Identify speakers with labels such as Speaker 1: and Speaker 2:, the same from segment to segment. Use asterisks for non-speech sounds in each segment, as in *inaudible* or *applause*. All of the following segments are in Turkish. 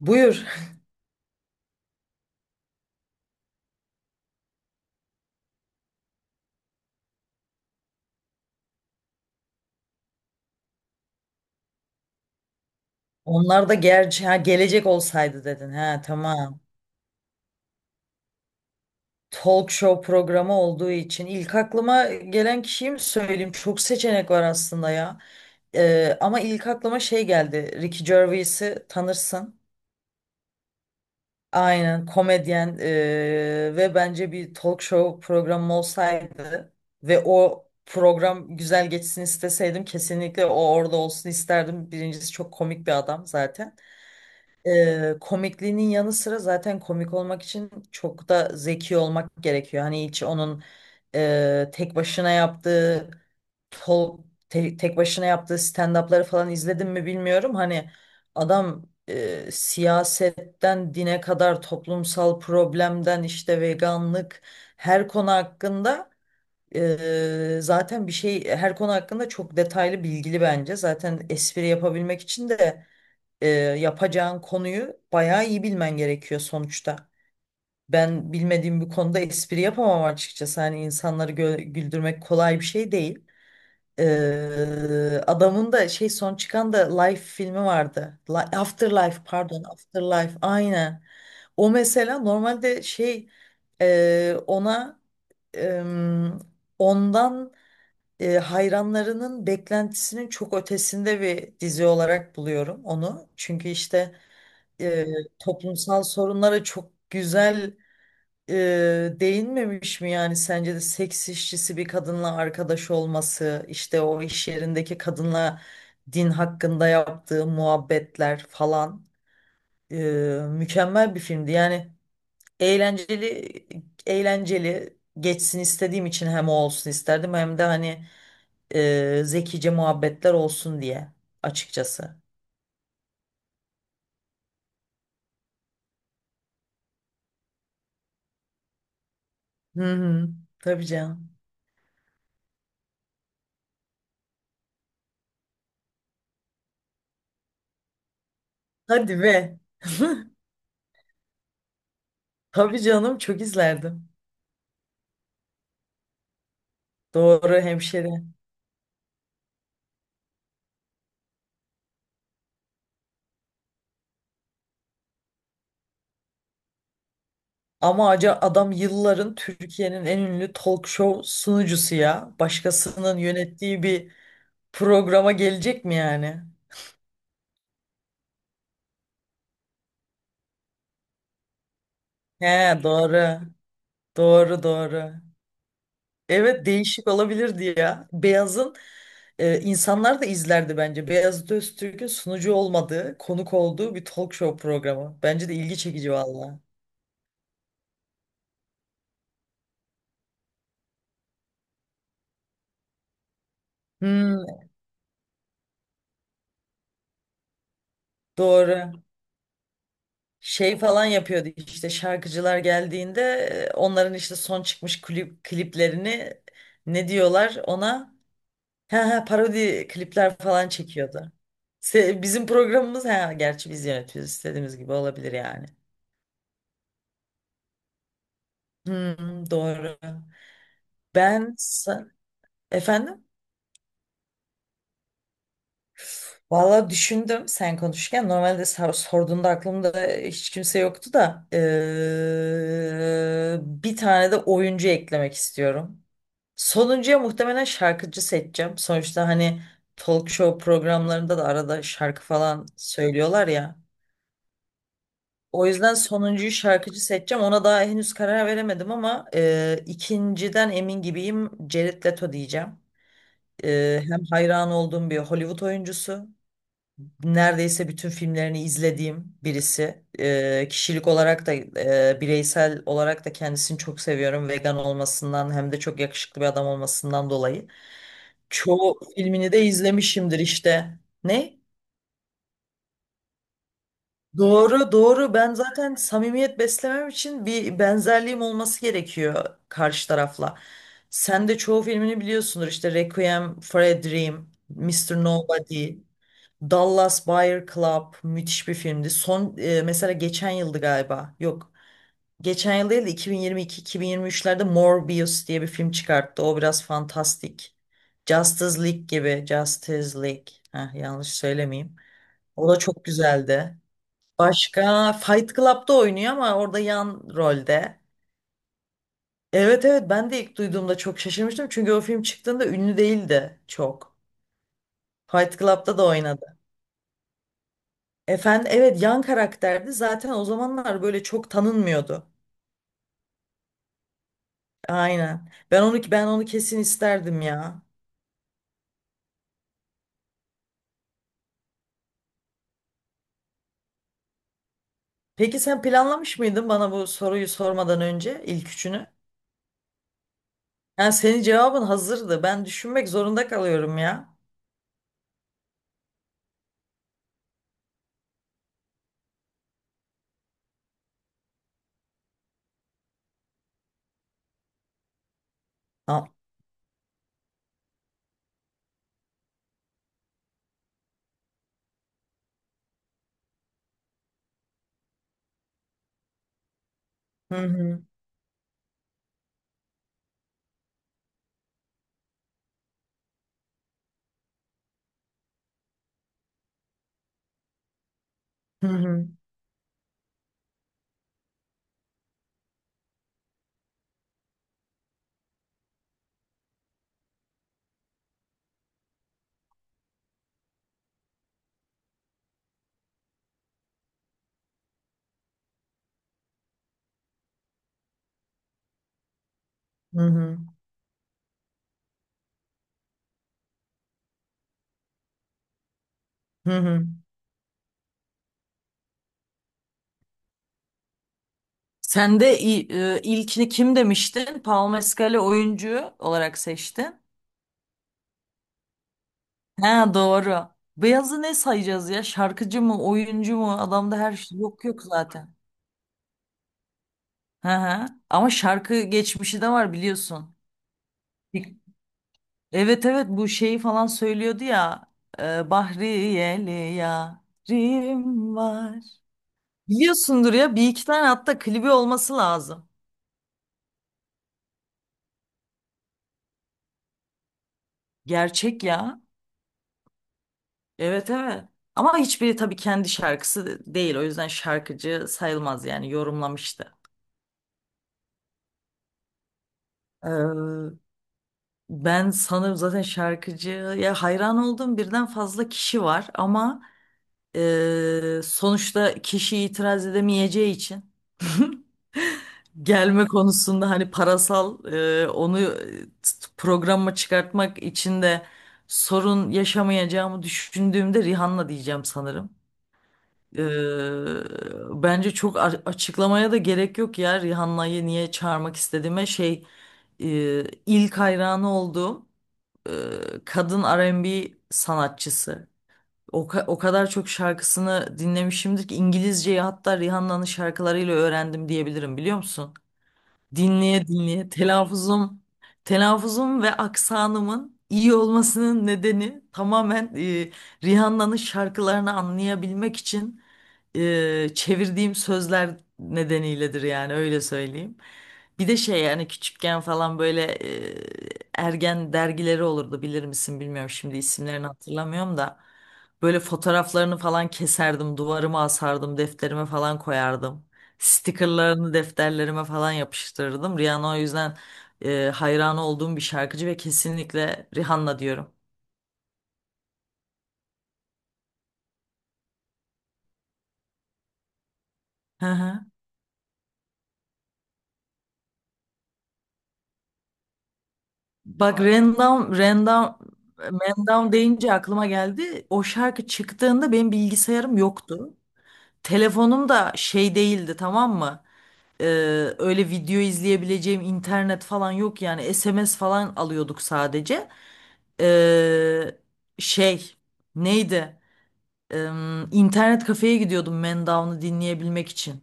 Speaker 1: Buyur. Onlar da gerçi ha, gelecek olsaydı dedin. Ha tamam. Talk show programı olduğu için ilk aklıma gelen kişiyi mi söyleyeyim? Çok seçenek var aslında ya. Ama ilk aklıma şey geldi. Ricky Gervais'i tanırsın. Aynen komedyen ve bence bir talk show programı olsaydı ve o program güzel geçsin isteseydim kesinlikle o orada olsun isterdim. Birincisi çok komik bir adam zaten. Komikliğinin yanı sıra zaten komik olmak için çok da zeki olmak gerekiyor. Hani hiç onun tek başına yaptığı tol- tek başına yaptığı stand-up'ları falan izledim mi bilmiyorum. Hani adam siyasetten dine kadar toplumsal problemden işte veganlık her konu hakkında zaten bir şey her konu hakkında çok detaylı bilgili bence. Zaten espri yapabilmek için de yapacağın konuyu bayağı iyi bilmen gerekiyor sonuçta. Ben bilmediğim bir konuda espri yapamam açıkçası. Hani insanları güldürmek kolay bir şey değil. Adamın da şey son çıkan da Life filmi vardı. Afterlife pardon Afterlife aynen. O mesela normalde şey ona em, ondan hayranlarının beklentisinin çok ötesinde bir dizi olarak buluyorum onu. Çünkü işte e, toplumsal sorunlara çok güzel değinmemiş mi yani sence de seks işçisi bir kadınla arkadaş olması işte o iş yerindeki kadınla din hakkında yaptığı muhabbetler falan e, mükemmel bir filmdi yani eğlenceli eğlenceli geçsin istediğim için hem o olsun isterdim hem de hani zekice muhabbetler olsun diye açıkçası. Hı hı, tabii canım. Hadi be. *laughs* Tabii canım çok izlerdim. Doğru hemşeri. Ama acı adam yılların Türkiye'nin en ünlü talk show sunucusu ya. Başkasının yönettiği bir programa gelecek mi yani? He doğru. Doğru, doğru. Evet, değişik olabilirdi ya. Beyaz'ın insanlar da izlerdi bence. Beyazıt Öztürk'ün sunucu olmadığı, konuk olduğu bir talk show programı. Bence de ilgi çekici valla. Hmm, doğru. Şey falan yapıyordu işte şarkıcılar geldiğinde onların işte son çıkmış kliplerini ne diyorlar ona ha, ha, parodi klipler falan çekiyordu. Bizim programımız ha gerçi biz yönetiyoruz istediğimiz gibi olabilir yani. Hmm, doğru. Ben sa- Efendim. Valla düşündüm sen konuşurken normalde sorduğunda aklımda hiç kimse yoktu da bir tane de oyuncu eklemek istiyorum. Sonuncuya muhtemelen şarkıcı seçeceğim. Sonuçta hani talk show programlarında da arada şarkı falan söylüyorlar ya. O yüzden sonuncuyu şarkıcı seçeceğim. Ona daha henüz karar veremedim ama ikinciden emin gibiyim. Jared Leto diyeceğim. Hem hayran olduğum bir Hollywood oyuncusu, neredeyse bütün filmlerini izlediğim birisi. Kişilik olarak da bireysel olarak da kendisini çok seviyorum. Vegan olmasından hem de çok yakışıklı bir adam olmasından dolayı. Çoğu filmini de izlemişimdir işte. Ne? Doğru, doğru. Ben zaten samimiyet beslemem için bir benzerliğim olması gerekiyor karşı tarafla. Sen de çoğu filmini biliyorsundur işte. Requiem for a Dream, Mr. Nobody. Dallas Buyer Club müthiş bir filmdi. Son mesela geçen yıldı galiba. Yok. Geçen yıl değil de 2022-2023'lerde Morbius diye bir film çıkarttı. O biraz fantastik. Justice League gibi. Justice League. Heh, yanlış söylemeyeyim. O da çok güzeldi. Başka Fight Club'da oynuyor ama orada yan rolde. Evet, evet, ben de ilk duyduğumda çok şaşırmıştım. Çünkü o film çıktığında ünlü değildi çok. Fight Club'da da oynadı. Efendim evet yan karakterdi. Zaten o zamanlar böyle çok tanınmıyordu. Aynen. Ben onu kesin isterdim ya. Peki sen planlamış mıydın bana bu soruyu sormadan önce ilk üçünü? Yani senin cevabın hazırdı. Ben düşünmek zorunda kalıyorum ya. Ha. Hı hı. Hı hı. Hı hı. Hı hı. Sen de ilkini kim demiştin? Paul Mescal'i oyuncu olarak seçtin. Ha doğru. Beyazı ne sayacağız ya? Şarkıcı mı, oyuncu mu? Adamda her şey yok yok zaten. Hı hı. Ama şarkı geçmişi de var biliyorsun. Bir- Evet, evet, bu şeyi falan söylüyordu ya. Bahriyeli yarim var. Biliyorsundur ya bir iki tane hatta klibi olması lazım. Gerçek ya. Evet, evet. Ama hiçbiri tabii kendi şarkısı değil. O yüzden şarkıcı sayılmaz yani yorumlamıştı. Ee, Ben sanırım zaten şarkıcıya hayran olduğum birden fazla kişi var ama sonuçta kişi itiraz edemeyeceği için *laughs* gelme konusunda hani parasal onu programa çıkartmak için de sorun yaşamayacağımı düşündüğümde Rihanna diyeceğim sanırım. Bence çok açıklamaya da gerek yok ya Rihanna'yı niye çağırmak istediğime şey e, ilk hayranı olduğum e, kadın R&B sanatçısı. O kadar çok şarkısını dinlemişimdir ki İngilizceyi hatta Rihanna'nın şarkılarıyla öğrendim diyebilirim biliyor musun? Dinleye dinleye telaffuzum ve aksanımın iyi olmasının nedeni tamamen Rihanna'nın şarkılarını anlayabilmek için çevirdiğim sözler nedeniyledir yani öyle söyleyeyim. Bir de şey yani küçükken falan böyle e, ergen dergileri olurdu bilir misin bilmiyorum şimdi isimlerini hatırlamıyorum da böyle fotoğraflarını falan keserdim duvarıma asardım defterime falan koyardım. Stickerlarını defterlerime falan yapıştırırdım. Rihanna o yüzden hayran olduğum bir şarkıcı ve kesinlikle Rihanna diyorum. Hı hı. Bak Vay. Random deyince aklıma geldi. O şarkı çıktığında benim bilgisayarım yoktu. Telefonum da şey değildi tamam mı? E, Öyle video izleyebileceğim internet falan yok yani SMS falan alıyorduk sadece. E, şey Neydi? İnternet kafeye gidiyordum Man Down'u dinleyebilmek için.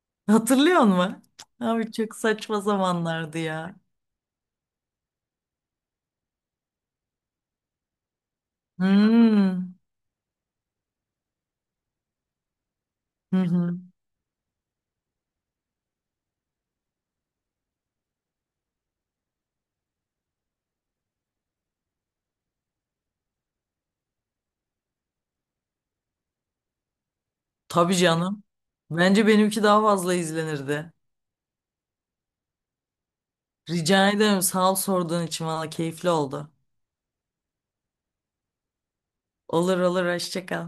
Speaker 1: *laughs* Hatırlıyor musun? Abi çok saçma zamanlardı ya. Hmm. Hı hı. Tabii canım. Bence benimki daha fazla izlenirdi. Rica ederim sağ ol sorduğun için valla keyifli oldu. Olur olur hoşça kal.